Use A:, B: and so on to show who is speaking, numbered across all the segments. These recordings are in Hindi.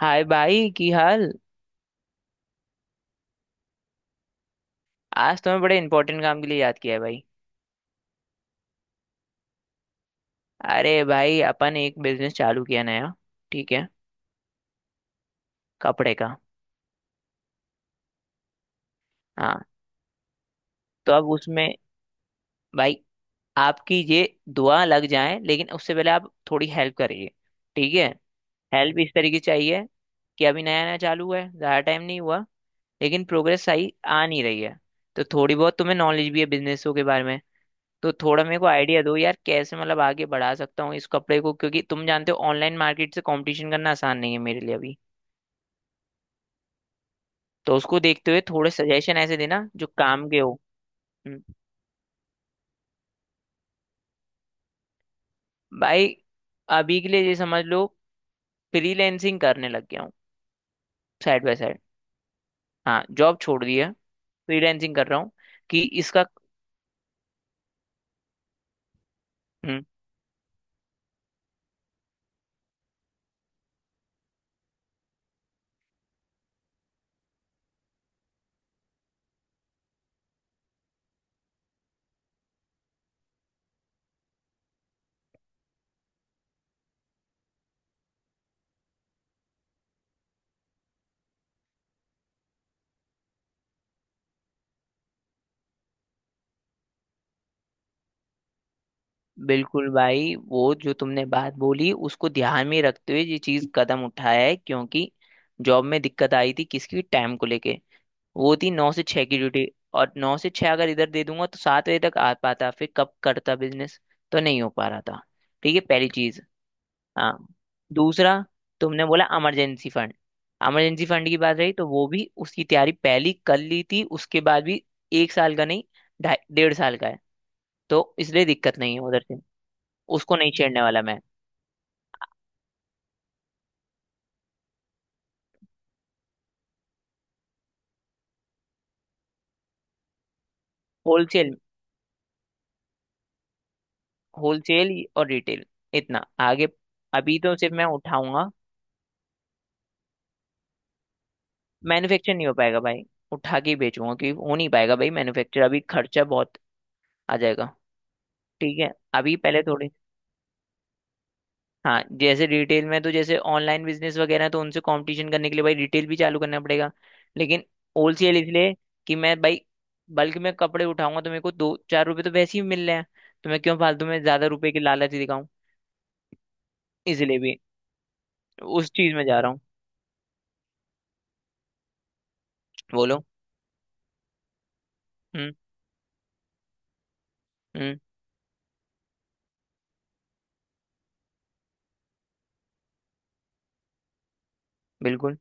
A: हाय भाई की हाल। आज तुम्हें बड़े इंपॉर्टेंट काम के लिए याद किया है भाई। अरे भाई, अपन एक बिजनेस चालू किया नया। ठीक है। कपड़े का। हाँ। तो अब उसमें भाई आपकी ये दुआ लग जाए, लेकिन उससे पहले आप थोड़ी हेल्प करिए। ठीक है। हेल्प इस तरीके से चाहिए कि अभी नया नया चालू हुआ है, ज़्यादा टाइम नहीं हुआ, लेकिन प्रोग्रेस सही आ नहीं रही है। तो थोड़ी बहुत तुम्हें नॉलेज भी है बिजनेसों के बारे में, तो थोड़ा मेरे को आइडिया दो यार कैसे मतलब आगे बढ़ा सकता हूँ इस कपड़े को, क्योंकि तुम जानते हो ऑनलाइन मार्केट से कंपटीशन करना आसान नहीं है मेरे लिए अभी। तो उसको देखते हुए थोड़े सजेशन ऐसे देना जो काम के हो। हम्म। भाई, अभी के लिए ये समझ लो, फ्रीलैंसिंग करने लग गया हूँ साइड बाय साइड। हाँ, जॉब छोड़ दी है। फ्रीलैंसिंग कर रहा हूँ कि इसका। हम्म। बिल्कुल भाई, वो जो तुमने बात बोली उसको ध्यान में रखते हुए ये चीज कदम उठाया है, क्योंकि जॉब में दिक्कत आई थी किसकी टाइम को लेके। वो थी 9 से 6 की ड्यूटी। और 9 से 6 अगर इधर दे दूंगा तो 7 बजे तक आ पाता, फिर कब करता बिजनेस। तो नहीं हो पा रहा था। ठीक है, पहली चीज। हाँ। दूसरा, तुमने बोला इमरजेंसी फंड। इमरजेंसी फंड की बात रही तो वो भी उसकी तैयारी पहली कर ली थी उसके बाद भी। 1 साल का नहीं, ढाई डेढ़ साल का है। तो इसलिए दिक्कत नहीं है उधर से। उसको नहीं छेड़ने वाला मैं। होलसेल। होलसेल और रिटेल। इतना आगे अभी तो सिर्फ मैं उठाऊंगा। मैन्युफैक्चर नहीं हो पाएगा भाई। उठा के ही बेचूंगा, क्योंकि हो नहीं पाएगा भाई मैन्युफैक्चर, अभी खर्चा बहुत आ जाएगा। ठीक है। अभी पहले थोड़ी हाँ, जैसे रिटेल में तो जैसे ऑनलाइन बिजनेस वगैरह है, तो उनसे कंपटीशन करने के लिए भाई रिटेल भी चालू करना पड़ेगा। लेकिन होलसेल इसलिए कि मैं भाई बल्क में कपड़े उठाऊंगा तो मेरे को दो चार रुपए तो वैसे ही मिल रहे हैं, तो मैं क्यों फालतू में ज्यादा रुपए की लालच दिखाऊं। इसलिए भी उस चीज में जा रहा हूँ। बोलो। हम्म। हम्म। बिल्कुल।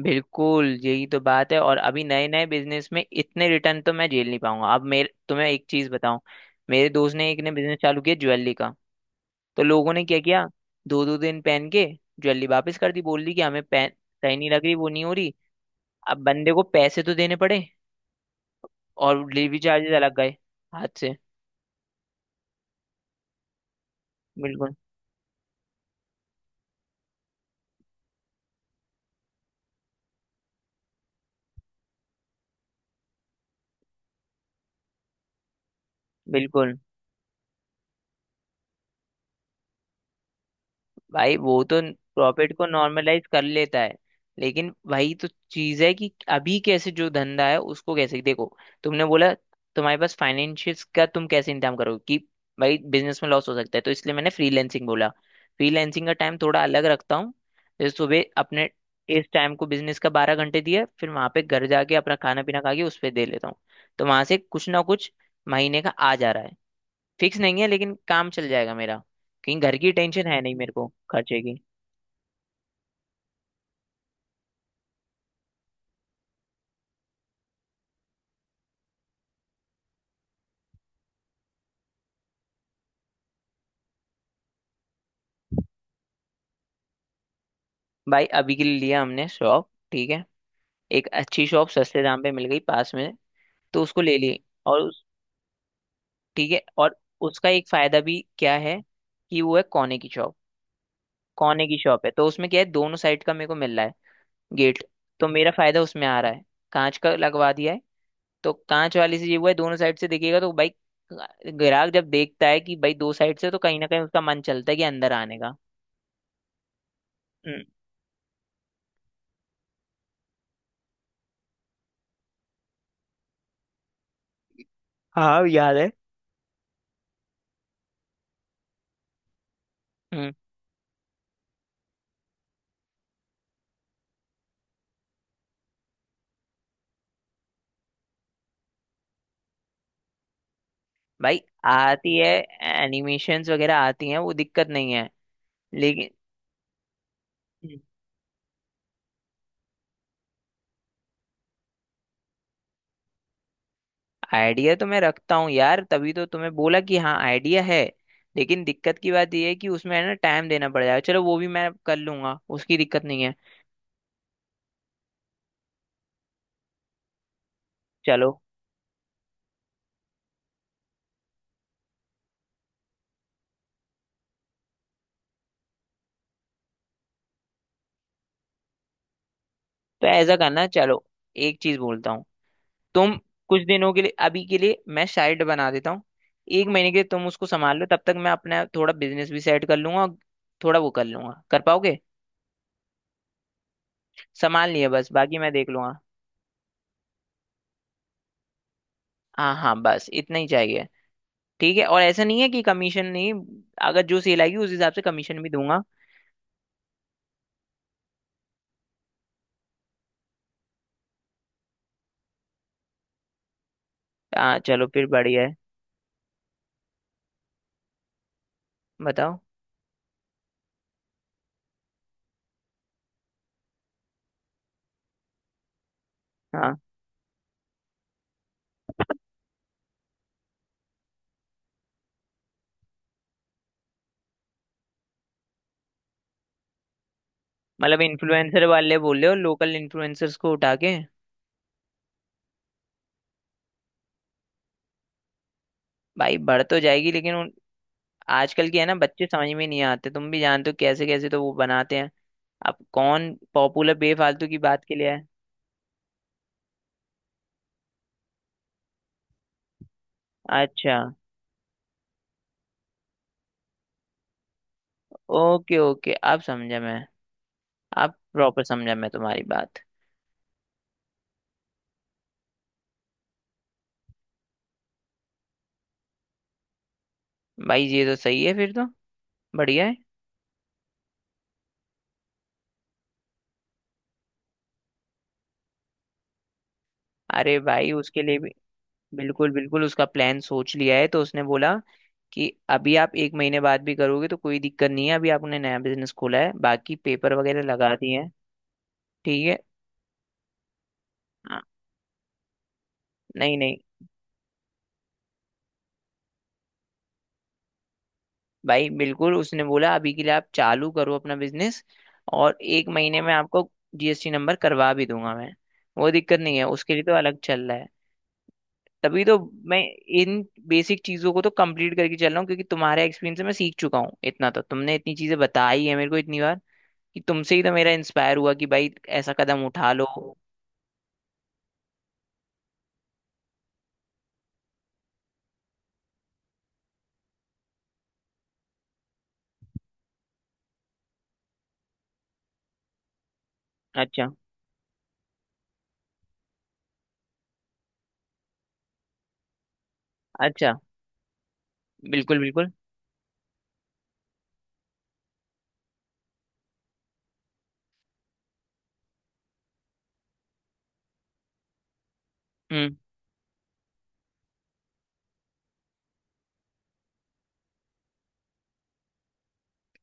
A: बिल्कुल यही तो बात है, और अभी नए नए बिजनेस में इतने रिटर्न तो मैं झेल नहीं पाऊंगा। अब मेरे तुम्हें एक चीज बताऊं। मेरे दोस्त ने एक ने बिजनेस चालू किया ज्वेलरी का। तो लोगों ने क्या किया, दो दो दिन पहन के ज्वेलरी वापस कर दी, बोल दी कि हमें पहन सही नहीं लग रही, वो नहीं हो रही। अब बंदे को पैसे तो देने पड़े, और डिलीवरी चार्जेस अलग गए हाथ से। बिल्कुल। बिल्कुल। भाई वो तो प्रॉफिट को नॉर्मलाइज कर लेता है। लेकिन वही तो चीज है कि अभी कैसे जो धंधा है उसको कैसे देखो। तुमने बोला तुम्हारे पास फाइनेंशियल का तुम कैसे इंतजाम करोगे कि भाई बिजनेस में लॉस हो सकता है, तो इसलिए मैंने फ्रीलैंसिंग बोला। फ्रीलैंसिंग का टाइम थोड़ा अलग रखता हूँ। जैसे सुबह अपने इस टाइम को बिजनेस का 12 घंटे दिया, फिर वहां पे घर जाके अपना खाना पीना खा के उस पर दे लेता हूँ। तो वहां से कुछ ना कुछ महीने का आ जा रहा है। फिक्स नहीं है, लेकिन काम चल जाएगा मेरा। कहीं घर की टेंशन है नहीं मेरे को खर्चे की। भाई, अभी के लिए लिया हमने शॉप, ठीक है। एक अच्छी शॉप सस्ते दाम पे मिल गई पास में, तो उसको ले ली। और उस, ठीक है। और उसका एक फायदा भी क्या है कि वो है कोने की शॉप। कोने की शॉप है तो उसमें क्या है दोनों साइड का मेरे को मिल रहा है गेट। तो मेरा फायदा उसमें आ रहा है। कांच का लगवा दिया है, तो कांच वाली से ये हुआ है दोनों साइड से देखिएगा तो भाई ग्राहक जब देखता है कि भाई दो साइड से, तो कहीं ना कहीं उसका मन चलता है कि अंदर आने का। हाँ याद है। हम्म। भाई, आती है। एनिमेशंस वगैरह आती हैं, वो दिक्कत नहीं है। लेकिन आइडिया तो मैं रखता हूँ यार, तभी तो तुम्हें बोला कि हाँ आइडिया है। लेकिन दिक्कत की बात ये है कि उसमें है ना टाइम देना पड़ जाएगा, चलो वो भी मैं कर लूंगा, उसकी दिक्कत नहीं है। चलो तो ऐसा करना, चलो एक चीज बोलता हूँ। तुम कुछ दिनों के लिए अभी के लिए मैं साइड बना देता हूँ, 1 महीने के लिए तुम उसको संभाल लो, तब तक मैं अपना थोड़ा बिजनेस भी सेट कर लूंगा और थोड़ा वो कर लूंगा, कर पाओगे। संभाल लिए बस बाकी मैं देख लूंगा। हाँ हाँ, बस इतना ही चाहिए। ठीक है, और ऐसा नहीं है कि कमीशन नहीं, अगर जो सेल आएगी उस हिसाब से कमीशन भी दूंगा। हाँ, चलो फिर बढ़िया है। बताओ। हाँ मतलब इन्फ्लुएंसर वाले बोल रहे हो लोकल इन्फ्लुएंसर्स को उठा के। भाई बढ़ तो जाएगी लेकिन आजकल की है ना बच्चे समझ में नहीं आते तुम भी जानते हो कैसे कैसे तो वो बनाते हैं। अब कौन पॉपुलर बेफालतू की बात के लिए है। अच्छा। ओके ओके, अब समझा मैं। अब प्रॉपर समझा मैं तुम्हारी बात। भाई ये तो सही है फिर तो, बढ़िया है। अरे भाई उसके लिए भी बिल्कुल बिल्कुल उसका प्लान सोच लिया है, तो उसने बोला कि अभी आप 1 महीने बाद भी करोगे तो कोई दिक्कत नहीं है, अभी आपने नया बिजनेस खोला है, बाकी पेपर वगैरह लगा दिए हैं। ठीक है। हाँ। नहीं नहीं, भाई बिल्कुल उसने बोला अभी के लिए आप चालू करो अपना बिजनेस और 1 महीने में आपको जीएसटी नंबर करवा भी दूंगा मैं। वो दिक्कत नहीं है उसके लिए, तो अलग चल रहा है। तभी तो मैं इन बेसिक चीजों को तो कंप्लीट करके चल रहा हूँ, क्योंकि तुम्हारे एक्सपीरियंस से मैं सीख चुका हूँ इतना, तो तुमने इतनी चीजें बताई है मेरे को इतनी बार कि तुमसे ही तो मेरा इंस्पायर हुआ कि भाई ऐसा कदम उठा लो। अच्छा। अच्छा। बिल्कुल बिल्कुल। हम्म।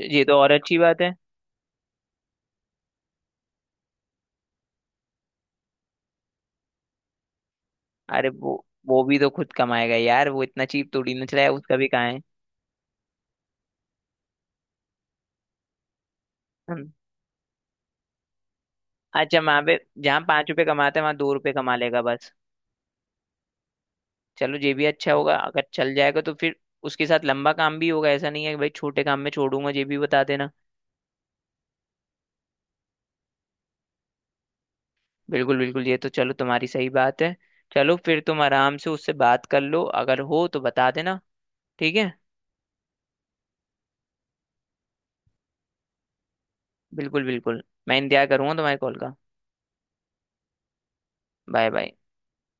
A: ये तो और अच्छी बात है। अरे वो भी तो खुद कमाएगा यार, वो इतना चीप थोड़ी ना चलाया, उसका भी कहाँ है। हम्म। अच्छा, वहां पे जहाँ 5 रुपए कमाते हैं वहां 2 रुपए कमा लेगा बस। चलो ये भी अच्छा होगा अगर चल जाएगा तो फिर उसके साथ लंबा काम भी होगा, ऐसा नहीं है कि भाई छोटे काम में छोड़ूंगा, ये भी बता देना। बिल्कुल बिल्कुल ये तो चलो तुम्हारी सही बात है। चलो फिर तुम आराम से उससे बात कर लो, अगर हो तो बता देना। ठीक है। बिल्कुल बिल्कुल मैं इंतजार करूंगा तुम्हारे कॉल का। Bye bye.